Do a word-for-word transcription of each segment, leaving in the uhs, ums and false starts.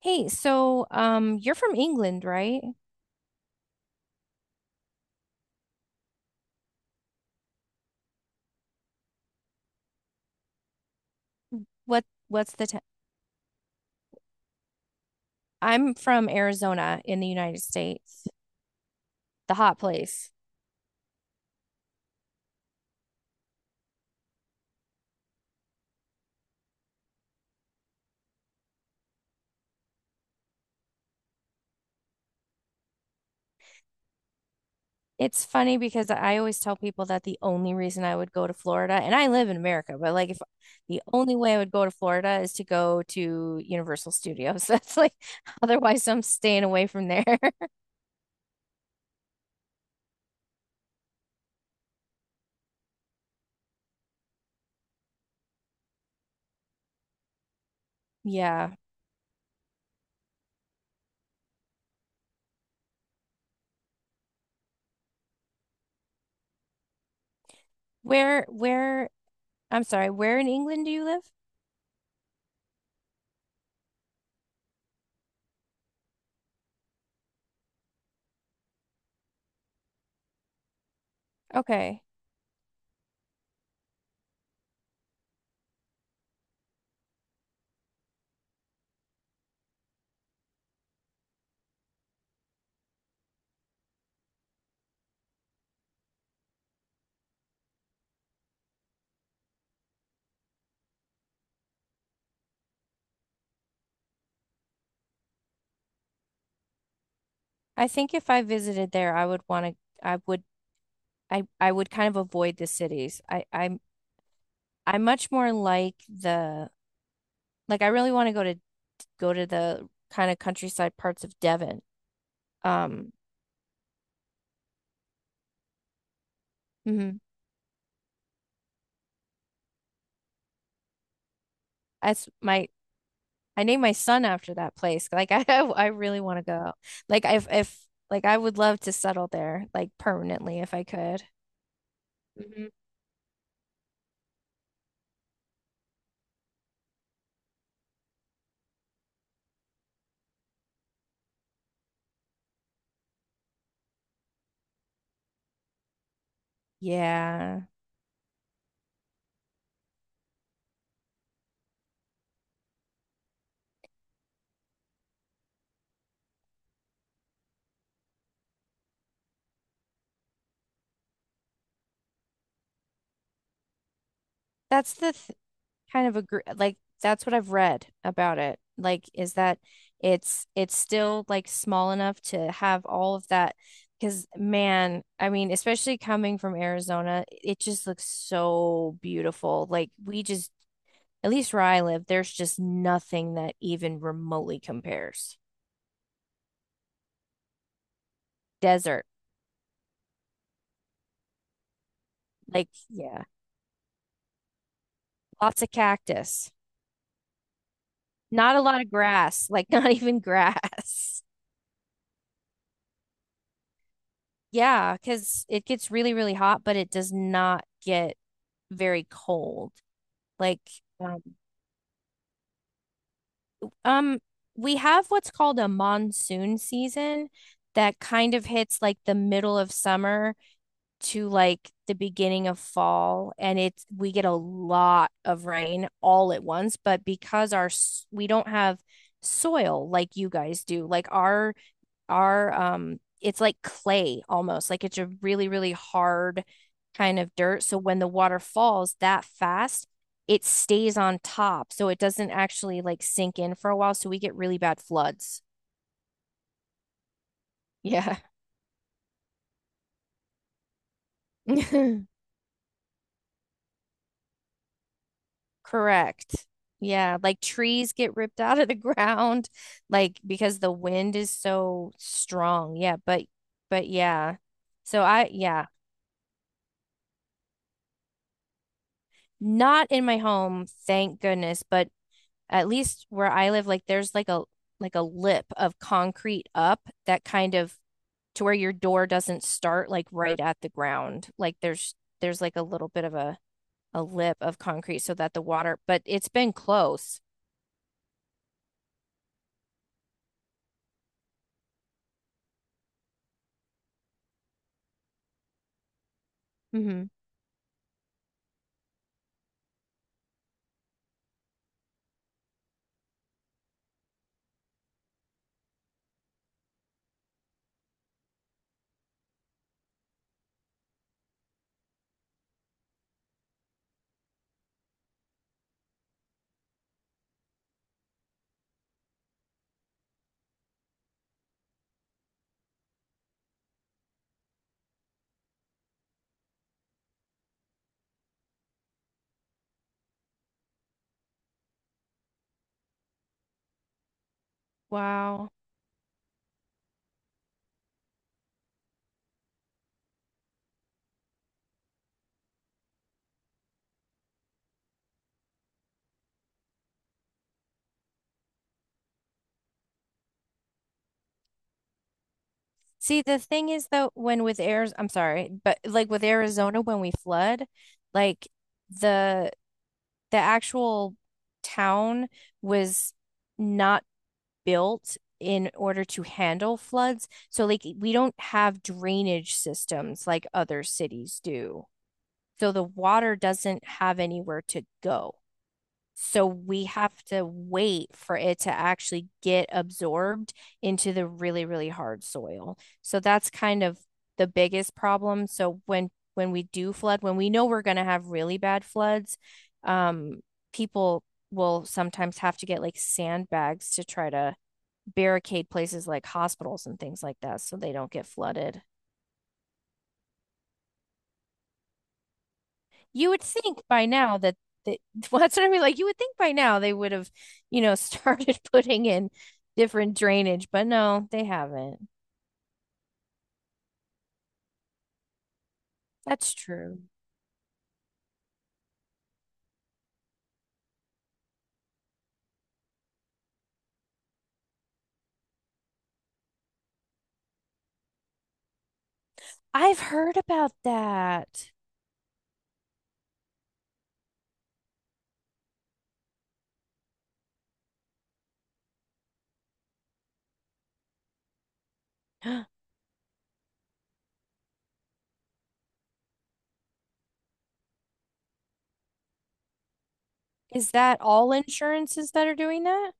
Hey, so um, you're from England, right? What what's the t I'm from Arizona in the United States, the hot place. It's funny because I always tell people that the only reason I would go to Florida, and I live in America, but like if the only way I would go to Florida is to go to Universal Studios. That's like otherwise I'm staying away from there. Yeah. Where where I'm sorry, where in England do you live? Okay. I think if I visited there, I would want to I would I I would kind of avoid the cities. I I'm I'm much more like the like I really want to go to go to the kind of countryside parts of Devon. Um, mhm. That's my I named my son after that place. Like I I really want to go. Like if if like I would love to settle there like permanently if I could. Mhm. Yeah. That's the th kind of agree like that's what I've read about it. Like is that it's it's still like small enough to have all of that because man, I mean, especially coming from Arizona, it just looks so beautiful. Like we just at least where I live, there's just nothing that even remotely compares. Desert. Like yeah, lots of cactus. Not a lot of grass, like not even grass. Yeah, because it gets really, really hot, but it does not get very cold. Like, um, um, we have what's called a monsoon season that kind of hits like the middle of summer to like the beginning of fall, and it's we get a lot of rain all at once, but because our s- we don't have soil like you guys do, like our our um it's like clay almost like it's a really, really hard kind of dirt, so when the water falls that fast, it stays on top, so it doesn't actually like sink in for a while, so we get really bad floods. Yeah. Correct. Yeah, like trees get ripped out of the ground like because the wind is so strong, yeah, but but yeah, so I, yeah, not in my home, thank goodness, but at least where I live, like there's like a like a lip of concrete up that kind of to where your door doesn't start like right at the ground. Like there's there's like a little bit of a a lip of concrete so that the water, but it's been close. Hmm. Wow. See, the thing is though, when with Arizona, I'm sorry, but like with Arizona, when we flood, like the the actual town was not built in order to handle floods. So, like, we don't have drainage systems like other cities do. So, the water doesn't have anywhere to go. So, we have to wait for it to actually get absorbed into the really, really hard soil. So, that's kind of the biggest problem. So, when when we do flood, when we know we're going to have really bad floods, um, people will sometimes have to get like sandbags to try to barricade places like hospitals and things like that so they don't get flooded. You would think by now that they, well, that's what I mean. Like you would think by now they would have, you know, started putting in different drainage, but no, they haven't. That's true. I've heard about that. Is that all insurances that are doing that?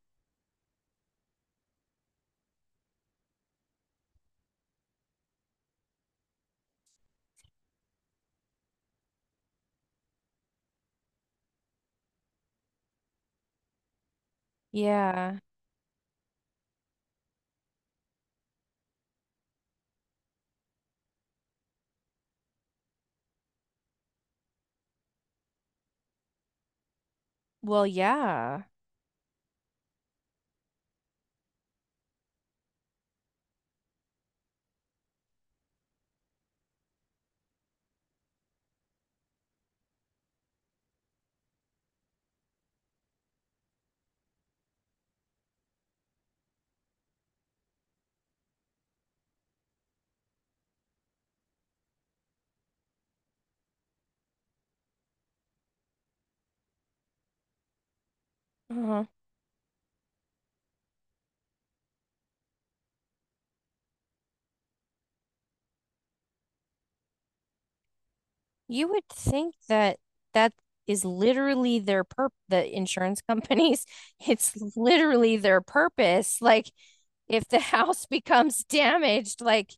Yeah. Well, yeah. Oh, you would think that that is literally their purp the insurance companies, it's literally their purpose. Like if the house becomes damaged, like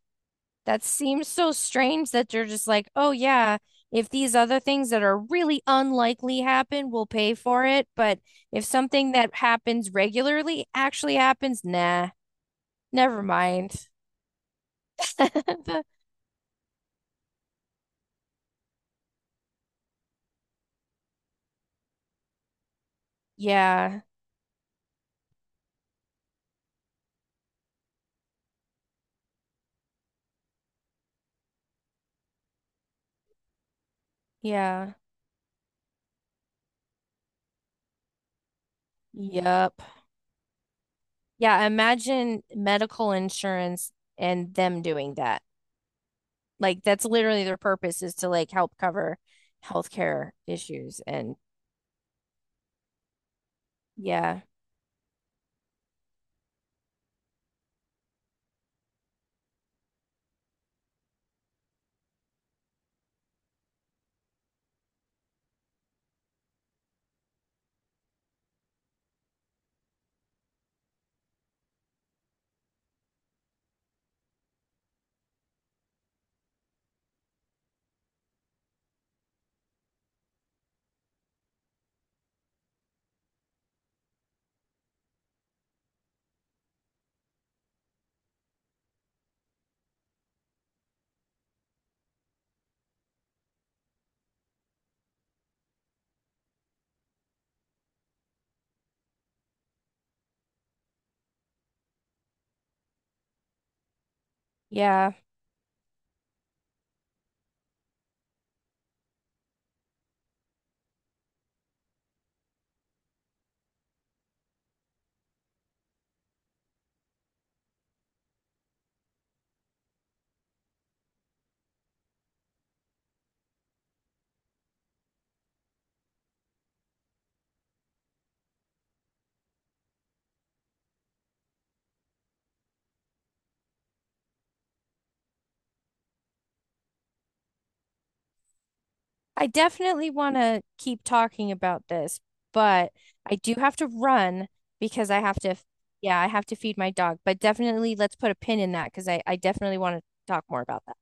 that seems so strange that they're just like, "Oh yeah, if these other things that are really unlikely happen, we'll pay for it, but if something that happens regularly actually happens, nah, never mind." Yeah. Yeah. Yeah. Yep. Yeah, imagine medical insurance and them doing that. Like that's literally their purpose is to like help cover healthcare issues. And yeah, yeah. I definitely want to keep talking about this, but I do have to run because I have to, yeah, I have to feed my dog. But definitely let's put a pin in that because I, I definitely want to talk more about that.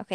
Okay.